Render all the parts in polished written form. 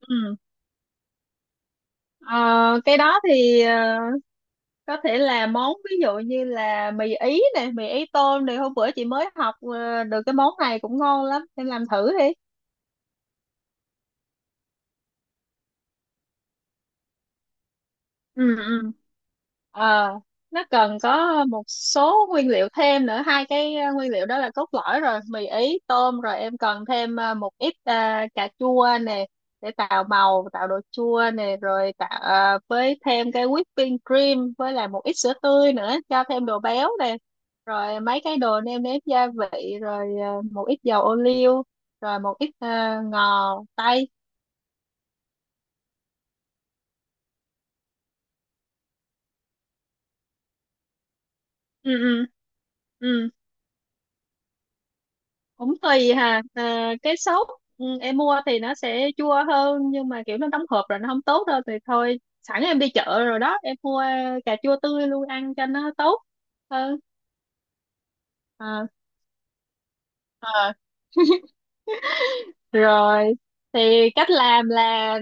Ừ. Ờ, cái đó thì có thể là món ví dụ như là mì ý này, mì ý tôm này hôm bữa chị mới học được cái món này cũng ngon lắm, em làm thử đi. Ừ. Ừ. Ờ, nó cần có một số nguyên liệu thêm nữa, hai cái nguyên liệu đó là cốt lõi rồi, mì ý tôm, rồi em cần thêm một ít cà chua nè, để tạo màu tạo độ chua nè, rồi tạo với thêm cái whipping cream với lại một ít sữa tươi nữa cho thêm đồ béo nè, rồi mấy cái đồ nêm nếm gia vị, rồi một ít dầu ô liu, rồi một ít ngò tây. Ừ. Ừ. Ừ. Cũng tùy hà, à, cái sốt. Ừ, em mua thì nó sẽ chua hơn, nhưng mà kiểu nó đóng hộp rồi nó không tốt đâu, thì thôi sẵn em đi chợ rồi đó em mua cà chua tươi luôn ăn cho nó tốt hơn. Ờ. Ờ. Rồi thì cách làm là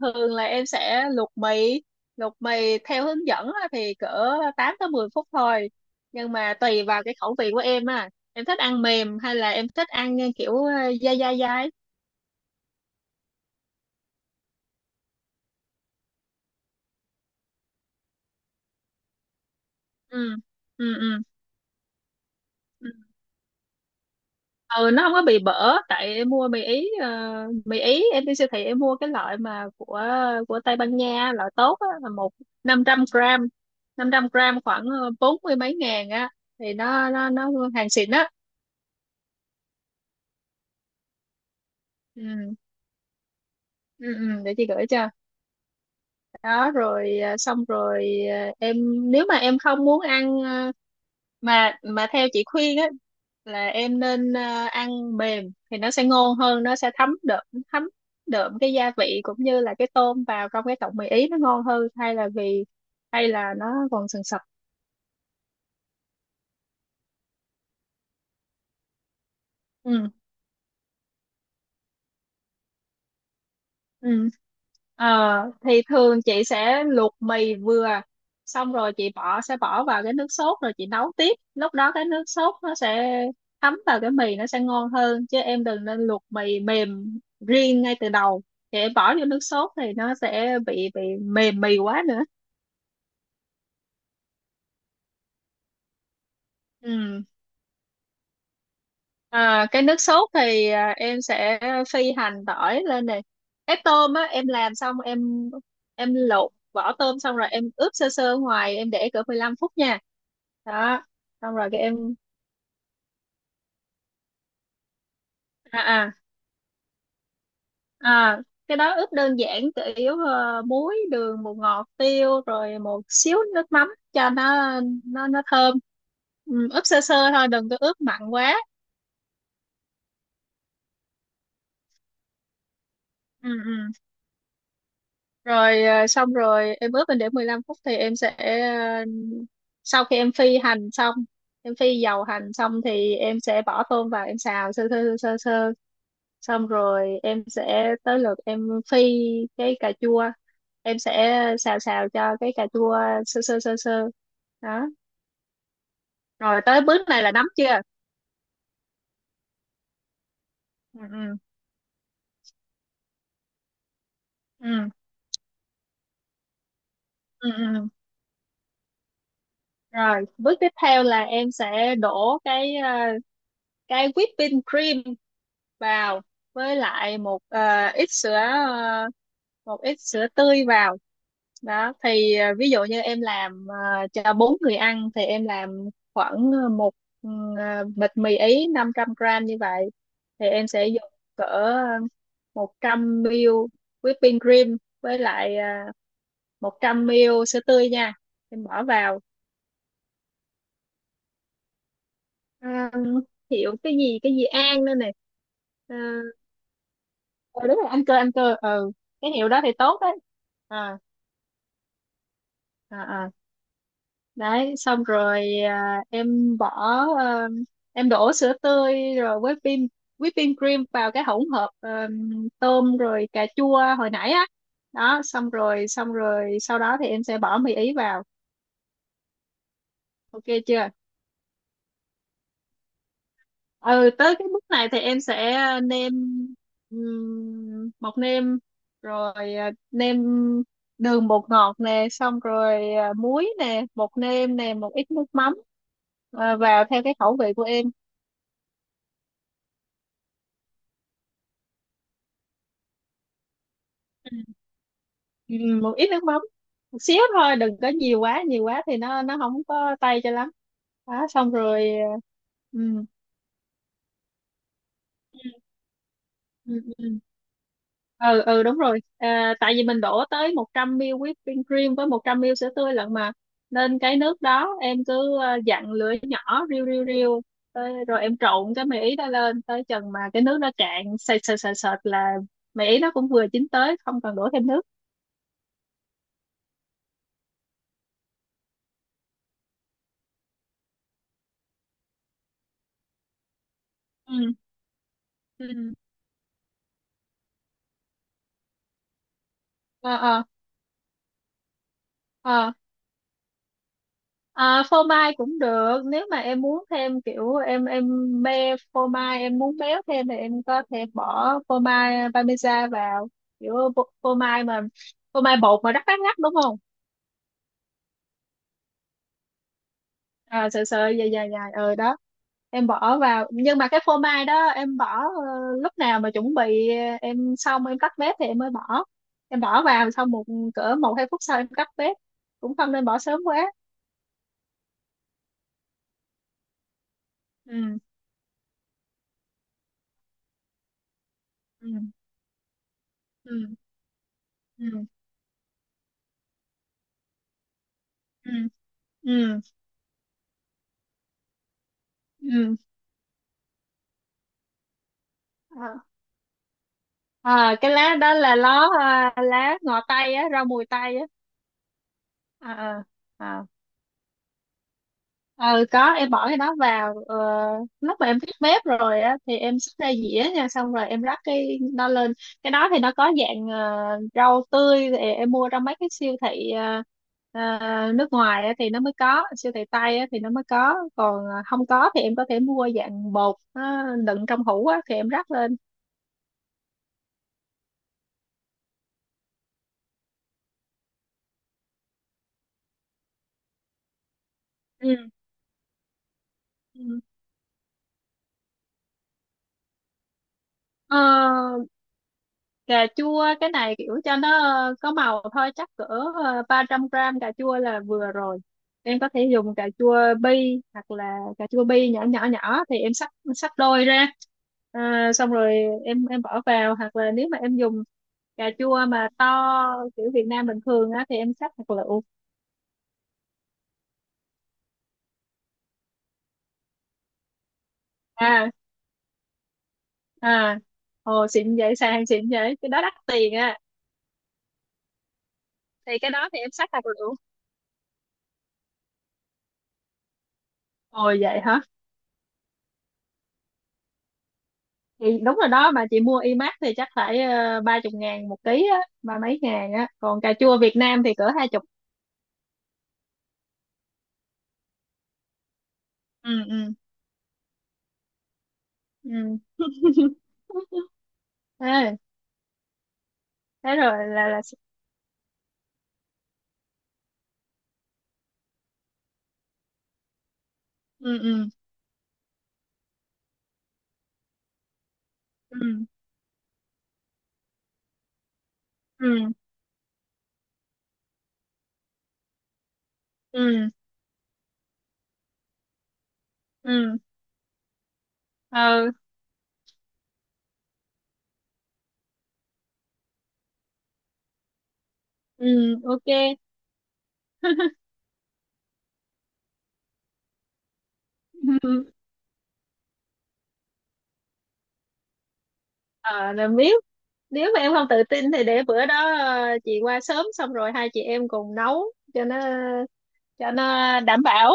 thường là em sẽ luộc mì theo hướng dẫn á thì cỡ 8 tới 10 phút thôi, nhưng mà tùy vào cái khẩu vị của em. À em thích ăn mềm hay là em thích ăn kiểu dai dai dai. Ừ. Ừ. Ừ. Ừ. Ừ, nó không có bị bở, tại em mua mì ý, mì ý em đi siêu thị em mua cái loại mà của Tây Ban Nha loại tốt á, là một 500 gram, năm trăm gram khoảng bốn mươi mấy ngàn á, thì nó hàng xịn á. Ừ. Ừ. Ừ, để chị gửi cho. Đó, rồi, xong rồi, em nếu mà em không muốn ăn, mà theo chị khuyên á, là em nên ăn mềm thì nó sẽ ngon hơn, nó sẽ thấm đượm, thấm đượm cái gia vị cũng như là cái tôm vào trong cái tọng mì ý nó ngon hơn, hay là vì hay là nó còn sần sật. Ừ. Ừ. Ờ, thì thường chị sẽ luộc mì vừa, xong rồi chị sẽ bỏ vào cái nước sốt, rồi chị nấu tiếp, lúc đó cái nước sốt nó sẽ thấm vào cái mì nó sẽ ngon hơn. Chứ em đừng nên luộc mì mềm riêng ngay từ đầu, chị bỏ vô nước sốt thì nó sẽ bị mềm mì quá nữa. Ừ. À, cái nước sốt thì em sẽ phi hành tỏi lên này. Cái tôm á em làm xong em, lột vỏ tôm xong rồi em ướp sơ sơ ngoài, em để cỡ 15 phút nha. Đó. Xong rồi cái em. à à à cái đó ướp đơn giản, chủ yếu muối, đường, bột ngọt, tiêu rồi một xíu nước mắm cho nó, nó thơm. Ừ, ướp sơ sơ thôi đừng có ướp mặn quá. Ừ. Ừ. Rồi, xong rồi em ướp lên để 15 phút thì em sẽ, sau khi em phi hành xong, em phi dầu hành xong thì em sẽ bỏ tôm vào em xào sơ sơ sơ sơ, xong rồi em sẽ tới lượt em phi cái cà chua, em sẽ xào xào cho cái cà chua sơ sơ sơ sơ. Đó, rồi tới bước này là nấm chưa. Ừ. Ừ. Ừ. Ừ. Ừ. Rồi bước tiếp theo là em sẽ đổ cái whipping cream vào, với lại một, một ít sữa tươi vào. Đó thì ví dụ như em làm cho 4 người ăn thì em làm khoảng một, ừ, bịch mì ý 500 gram như vậy, thì em sẽ dùng cỡ 100 ml whipping cream với lại, uh, 100 ml sữa tươi nha. Em bỏ vào, à, hiệu cái gì, cái gì An nữa nè. Ờ, ờ, Đúng rồi, anh cơ, anh cơ. Ừ, cái hiệu đó thì tốt đấy. Ờ. À. À. Đấy, xong rồi, em bỏ, ờ, em đổ sữa tươi rồi với pin whipping cream vào cái hỗn hợp tôm rồi cà chua hồi nãy á. Đó, xong rồi, xong rồi, sau đó thì em sẽ bỏ mì ý vào. Ok chưa. Ừ, tới cái bước này thì em sẽ nêm, bột nêm, rồi nêm đường bột ngọt nè, xong rồi muối nè, bột nêm nè, một ít nước mắm, vào theo cái khẩu vị của em. Ừ, một ít nước mắm, một xíu thôi đừng có nhiều quá, nhiều quá thì nó không có tay cho lắm. Đó, xong rồi. Ờ, ừ. Ừ. Ừ. Ừ. Ừ, đúng rồi, tại vì mình đổ tới 100 ml whipping cream với 100 ml sữa tươi lận mà, nên cái nước đó em cứ dặn lửa nhỏ riu riu riu tới, rồi em trộn cái mì ý đó lên tới chừng mà cái nước nó cạn sệt sệt sệt sệt là mì ý nó cũng vừa chín tới, không cần đổ thêm nước. Ừ. Ừ. Ờ. Ờ. Ờ. À, phô mai cũng được, nếu mà em muốn thêm kiểu em, mê phô mai, em muốn béo thêm thì em có thể bỏ phô mai parmesan vào, kiểu phô mai mà, phô mai bột mà rắc rắc rắc đúng không. Sợi sợi dài dài dài đó, em bỏ vào, nhưng mà cái phô mai đó em bỏ lúc nào mà chuẩn bị em xong em tắt bếp thì em mới bỏ, em bỏ vào xong, cỡ một hai phút sau em tắt bếp, cũng không nên bỏ sớm quá. Ừ. Ừ. Ừ. Ừ. Ừ. Ừ. Ừ. Ừ. à, cái lá đó là ló, lá ngò tây á, rau mùi tây á. À. À. À. Ừ, có, em bỏ cái đó vào lúc mà em tắt bếp rồi á, thì em xúc ra dĩa nha, xong rồi em rắc cái đó lên. Cái đó thì nó có dạng rau tươi thì em mua trong mấy cái siêu thị ờ, nước ngoài á, thì nó mới có, siêu thị Tây á, thì nó mới có, còn không có thì em có thể mua dạng bột nó đựng trong hũ á, thì em rắc lên. Ừ. Ừ. Ờ, Cà chua cái này kiểu cho nó có màu thôi, chắc cỡ 300 gram cà chua là vừa rồi. Em có thể dùng cà chua bi, hoặc là cà chua bi nhỏ nhỏ nhỏ thì em cắt, cắt đôi ra. À, xong rồi em bỏ vào, hoặc là nếu mà em dùng cà chua mà to kiểu Việt Nam bình thường á thì em cắt hạt lựu. À, à, ồ, xịn vậy, sàng xịn vậy, cái đó đắt tiền á. Thì cái đó thì em cắt hạt lựu. Ồ, vậy hả? Thì đúng rồi đó, mà chị mua imac thì chắc phải ba chục ngàn một ký á, ba mấy ngàn á, còn cà chua Việt Nam thì cỡ hai chục. Ừ. Ừ. Ừ. Ê, thế rồi là. Ừ. Ừ. Ừ. Ừ. Ừ. Ừ. Ừ. Ờ. Ừ, ok. Ờ là biết. Nếu mà em không tự tin thì để bữa đó chị qua sớm xong rồi hai chị em cùng nấu cho nó cho nó đảm bảo.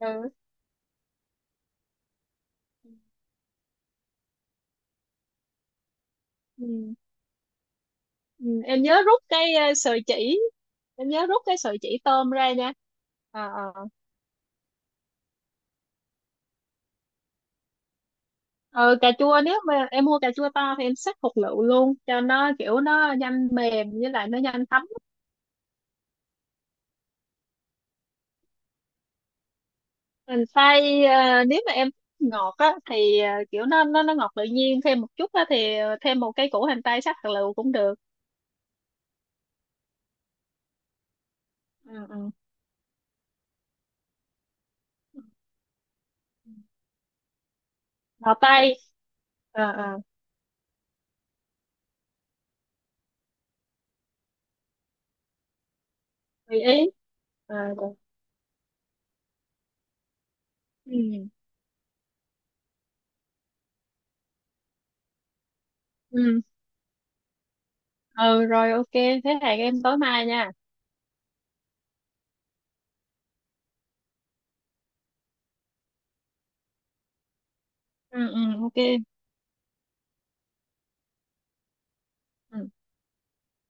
Ừ. Ừ. Ừ, em nhớ rút cái ờ, sợi chỉ em nhớ rút cái sợi chỉ tôm ra nha. À. Ờ. Ờ, cà chua nếu mà em mua cà chua to thì em xắt hột lựu luôn, cho nó kiểu nó nhanh mềm với lại nó nhanh thấm. Mình xay, nếu mà em thích ngọt á thì kiểu nó ngọt tự nhiên thêm một chút á thì thêm một cái củ hành tây xắt hạt lựu cũng được. Ừ. Ừ. Ngò tây. ờ ờ Tùy ý. Ờ, được. Ừ. Ừ. Ừ, rồi, ok, thế hẹn em tối mai nha. Ừ. Ừ, ok. Ừ.